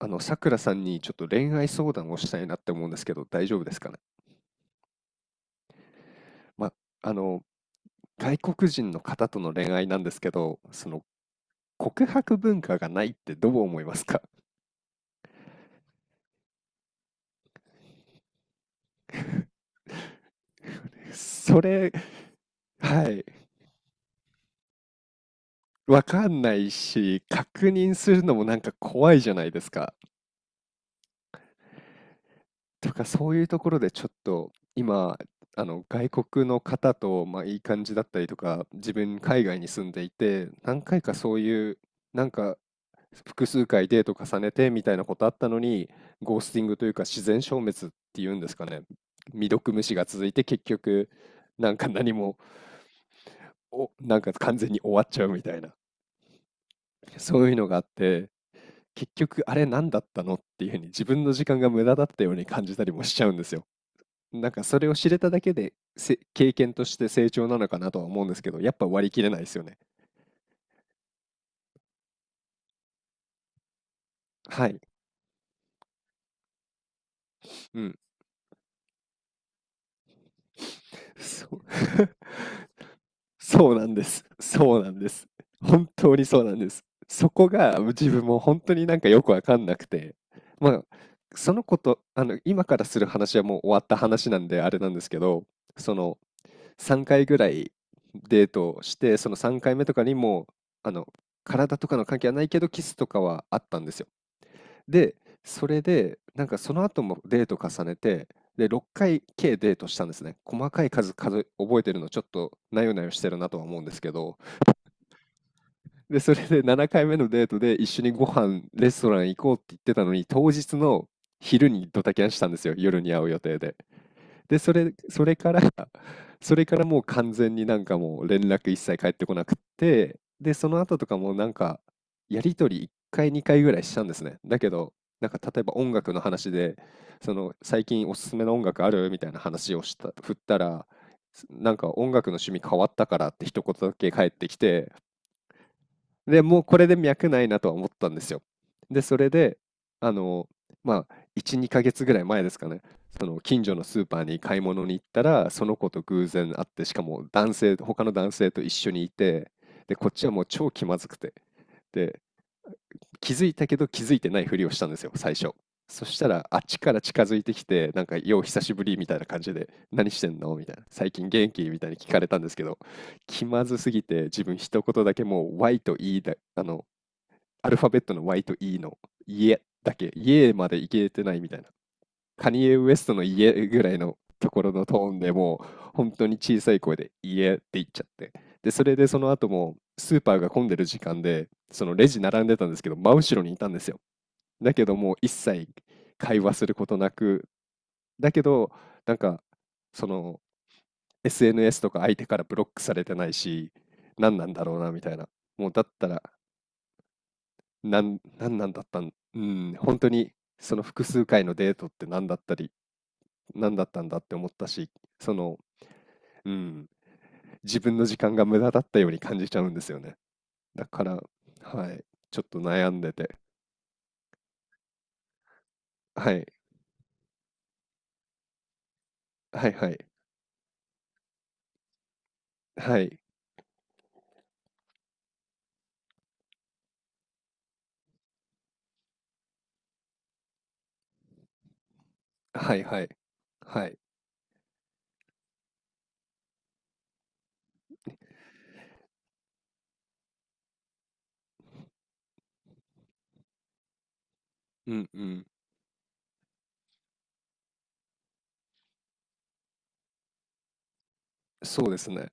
さくらさんにちょっと恋愛相談をしたいなって思うんですけど、大丈夫ですかね。ま、あの、外国人の方との恋愛なんですけど、告白文化がないってどう思いますか？ それ、はい、わかんないし、確認するのもなんか怖いじゃないですか。とか、そういうところでちょっと今、外国の方と、いい感じだったりとか、自分海外に住んでいて、何回かそういう、なんか、複数回デート重ねてみたいなことあったのに、ゴースティングというか自然消滅っていうんですかね。未読無視が続いて結局、なんか何も、なんか完全に終わっちゃうみたいな、そういうのがあって、結局あれ何だったのっていうふうに自分の時間が無駄だったように感じたりもしちゃうんですよ。なんかそれを知れただけで経験として成長なのかなとは思うんですけど、やっぱ割り切れないですよね。はい。うん。そう。 そうなんです。そうなんです。本当にそうなんです。そこが自分も本当になんかよくわかんなくて、まあ、そのこと、今からする話はもう終わった話なんであれなんですけど、その3回ぐらいデートをして、その3回目とかにも、あの、体とかの関係はないけど、キスとかはあったんですよ。で、それで、なんかその後もデート重ねて、で、6回計デートしたんですね。細かい数数え覚えてるのちょっとなよなよしてるなとは思うんですけど、で、それで7回目のデートで一緒にご飯、レストラン行こうって言ってたのに、当日の昼にドタキャンしたんですよ。夜に会う予定で。で、それから それからもう完全になんかもう連絡一切返ってこなくって、で、その後とかもなんか、やりとり1回、2回ぐらいしたんですね。だけど、なんか例えば音楽の話で、その最近おすすめの音楽あるみたいな話を振ったら、なんか音楽の趣味変わったからって一言だけ返ってきて、で、もうこれで脈ないなとは思ったんですよ。で、それで、あの、1、2ヶ月ぐらい前ですかね、その近所のスーパーに買い物に行ったら、その子と偶然会って、しかも男性、他の男性と一緒にいて、で、こっちはもう超気まずくて、で、気づいたけど気づいてないふりをしたんですよ、最初。そしたら、あっちから近づいてきて、なんか、よう久しぶりみたいな感じで、何してんのみたいな、最近元気みたいに聞かれたんですけど、気まずすぎて、自分一言だけもう、Y と E だ、アルファベットの Y と E の家だけ、家までいけてないみたいな。カニエ・ウエストの家ぐらいのところのトーンでもう、本当に小さい声で家って言っちゃって。で、それでその後も、スーパーが混んでる時間で、そのレジ並んでたんですけど、真後ろにいたんですよ。だけどもう一切会話することなく、だけど、なんか、その SNS とか相手からブロックされてないし、何なんだろうなみたいな。もうだったらなんなんだったん、うん、本当にその複数回のデートって何だったんだって思ったし、その、うん、自分の時間が無駄だったように感じちゃうんですよね。だから、はい、ちょっと悩んでて。はい。はいはい。はい。はいはい。はい。うんうん。そうですね。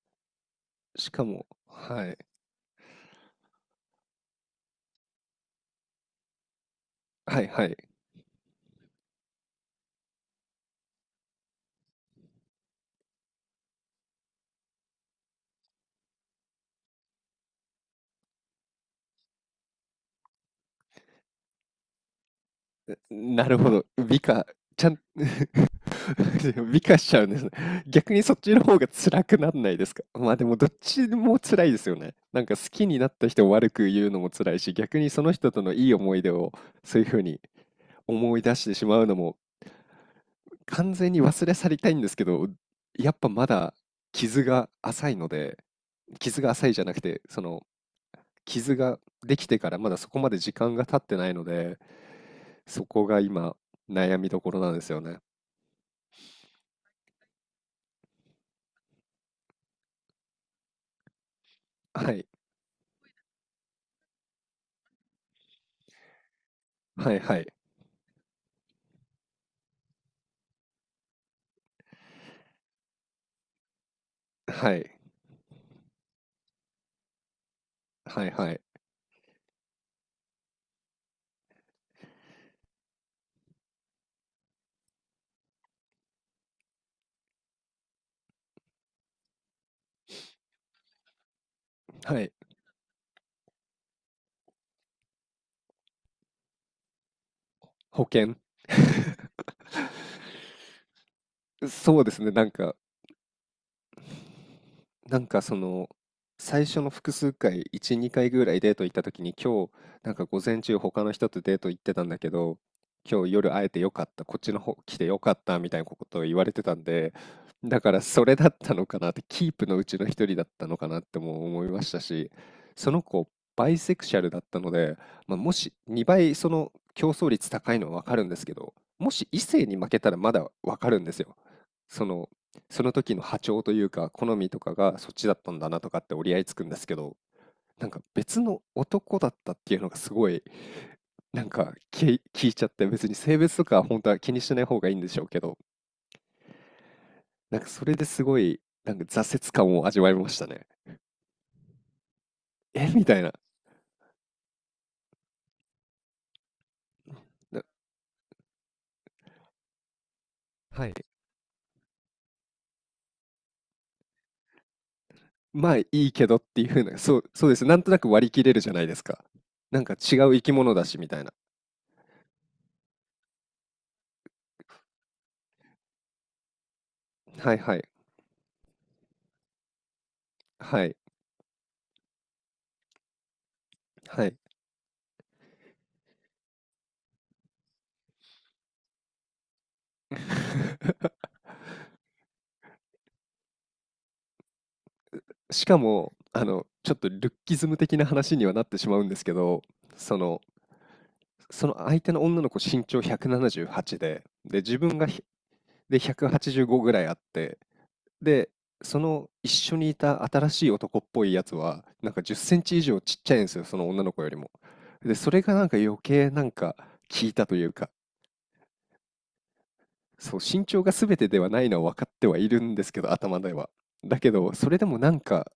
しかも、はい。はいはい。なるほど。美化、ちゃん、美化しちゃうんですね。逆にそっちの方が辛くなんないですか？まあでもどっちも辛いですよね。なんか好きになった人を悪く言うのも辛いし、逆にその人とのいい思い出をそういうふうに思い出してしまうのも完全に忘れ去りたいんですけど、やっぱまだ傷が浅いので、傷が浅いじゃなくて、その傷ができてからまだそこまで時間が経ってないので、そこが今悩みどころなんですよね。はい。はいはい。はい。はいはい。はい。保険。そうですね、なんかその最初の複数回1、2回ぐらいデート行った時に、今日なんか午前中他の人とデート行ってたんだけど、今日夜会えてよかった、こっちの方来てよかったみたいなことを言われてたんで、だからそれだったのかなって、キープのうちの一人だったのかなっても思いましたし、その子バイセクシャルだったので、もし2倍その競争率高いのは分かるんですけど、もし異性に負けたらまだ分かるんですよ。そのその時の波長というか、好みとかがそっちだったんだなとかって折り合いつくんですけど、なんか別の男だったっていうのがすごい、なんか聞いちゃって、別に性別とか本当は気にしない方がいいんでしょうけど、なんかそれですごい、なんか挫折感を味わいましたね。えみたいな。なはい。まあいいけどっていうふうな、そうです。なんとなく割り切れるじゃないですか。なんか違う生き物だしみたいな。はいはい。はい。はい。しかも、ちょっとルッキズム的な話にはなってしまうんですけど、その、その相手の女の子身長178で、自分が185ぐらいあって、で、その一緒にいた新しい男っぽいやつは、なんか10センチ以上ちっちゃいんですよ、その女の子よりも。で、それがなんか余計なんか効いたというか、そう、身長が全てではないのは分かってはいるんですけど、頭では。だけど、それでもなんか、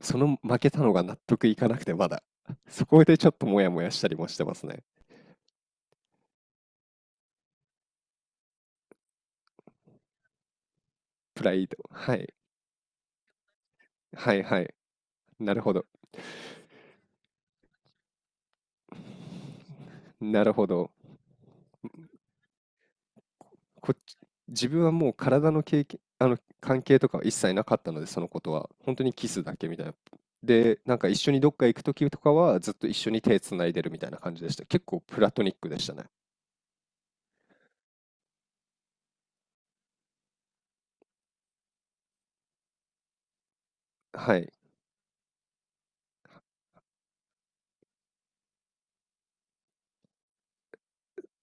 その負けたのが納得いかなくて、まだ。そこでちょっとモヤモヤしたりもしてますね。プライド。はい。はいはい。なるほど。なるほど。こっち、自分はもう体の経験、関係とかは一切なかったので、そのことは。本当にキスだけみたいな。で、なんか一緒にどっか行くときとかは、ずっと一緒に手つないでるみたいな感じでした。結構プラトニックでしたね。はい。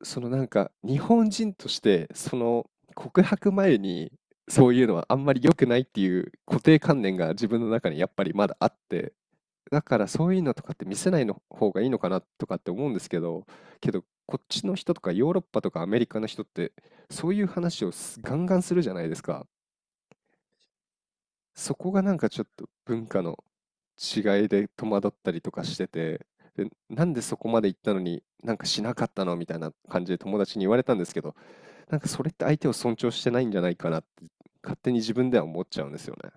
日本人として告白前にそういうのはあんまり良くないっていう固定観念が自分の中にやっぱりまだあって、だからそういうのとかって見せないの方がいいのかなとかって思うんですけど、けどこっちの人とかヨーロッパとかアメリカの人ってそういう話をガンガンするじゃないですか。そこがなんかちょっと文化の違いで戸惑ったりとかしてて、でなんでそこまで行ったのになんかしなかったのみたいな感じで友達に言われたんですけど、なんかそれって相手を尊重してないんじゃないかなって勝手に自分では思っちゃうんですよね。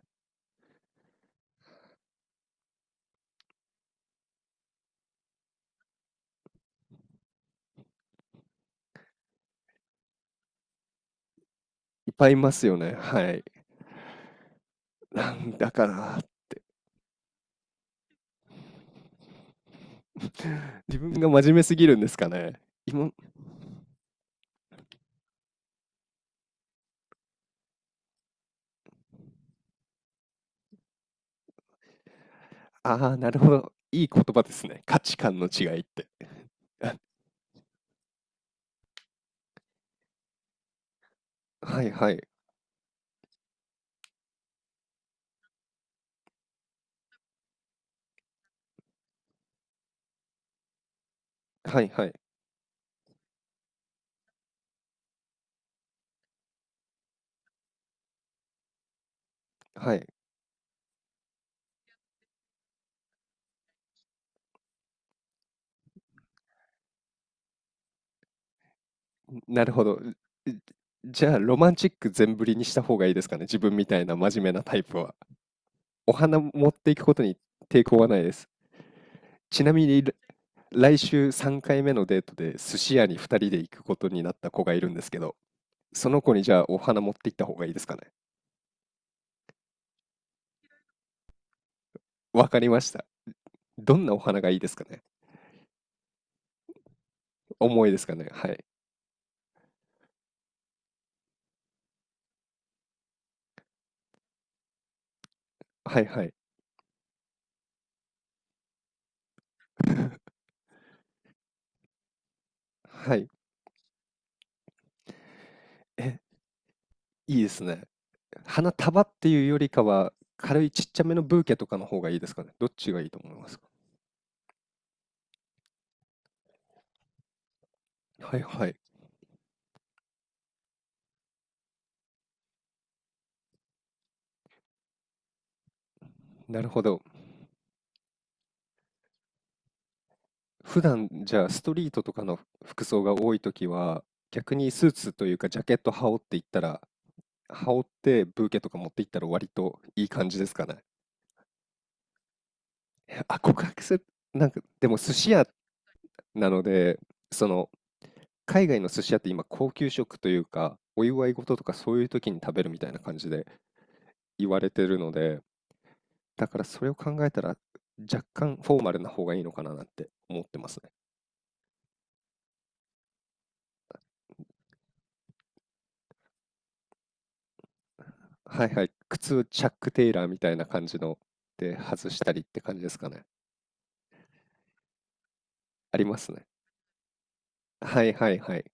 いっぱいいますよね。はい。なんだから 自分が真面目すぎるんですかね。今、ああ、なるほど。いい言葉ですね。価値観の違いって。はいはい。はいはい。はい。なるほど。じじゃあ、ロマンチック全振りにした方がいいですかね。自分みたいな真面目なタイプは。お花持っていくことに抵抗はないです。ちなみに、来週3回目のデートで寿司屋に2人で行くことになった子がいるんですけど、その子にじゃあお花持って行った方がいいですかね。わかりました。どんなお花がいいですかね。重いですかね。はい。はいはい。はい。え、いいですね。花束っていうよりかは、軽いちっちゃめのブーケとかの方がいいですかね。どっちがいいと思いますか。はいはい。なるほど。普段じゃあストリートとかの服装が多いときは、逆にスーツというかジャケット羽織っていったら羽織ってブーケとか持って行ったら割といい感じですかね。あ、告白する、なんか、でも寿司屋なので、その、海外の寿司屋って今高級食というか、お祝い事とかそういう時に食べるみたいな感じで言われてるので、だからそれを考えたら若干フォーマルな方がいいのかななんて思ってますね。はいはい。靴、チャック・テイラーみたいな感じので外したりって感じですかね。ありますね。はいはいはい。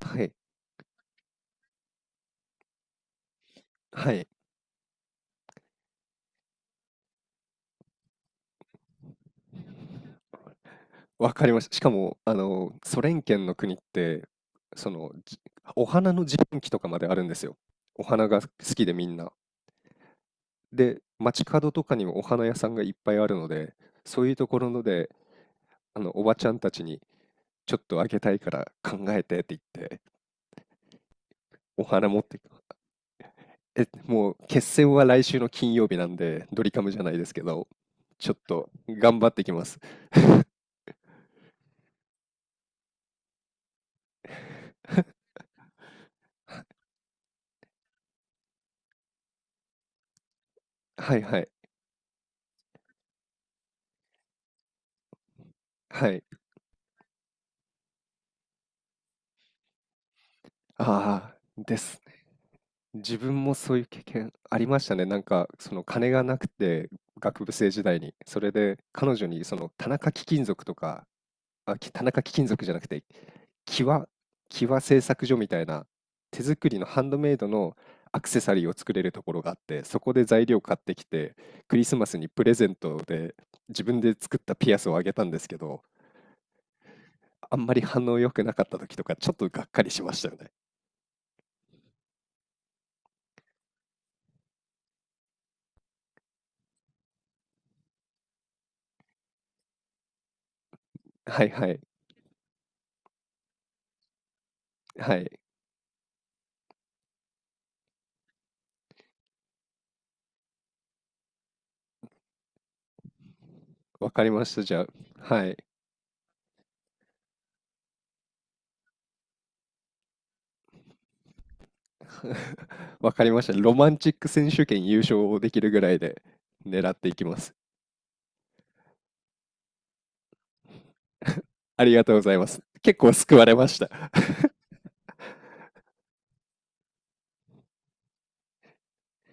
はい。はい。わかりました。しかも、あの、ソ連圏の国って、その、じお花の自販機とかまであるんですよ。お花が好きでみんな。で、街角とかにもお花屋さんがいっぱいあるので、そういうところので、あの、おばちゃんたちに、ちょっとあげたいから考えてって言って、お花持ってく、え、もう決戦は来週の金曜日なんで、ドリカムじゃないですけど、ちょっと頑張ってきます。はいはい。はい。ああ、です。自分もそういう経験ありましたね。なんか、その金がなくて、学部生時代に。それで、彼女に、その、田中貴金属とか、あ、田中貴金属じゃなくて、キワ、キワ製作所みたいな、手作りのハンドメイドのアクセサリーを作れるところがあって、そこで材料買ってきて、クリスマスにプレゼントで、自分で作ったピアスをあげたんですけど、あんまり反応良くなかった時とか、ちょっとがっかりしましたよね。はいはい。はい。わかりました。じゃあ、はい。わかりました。ロマンチック選手権優勝できるぐらいで狙っていきます。ありがとうございます。結構救われました。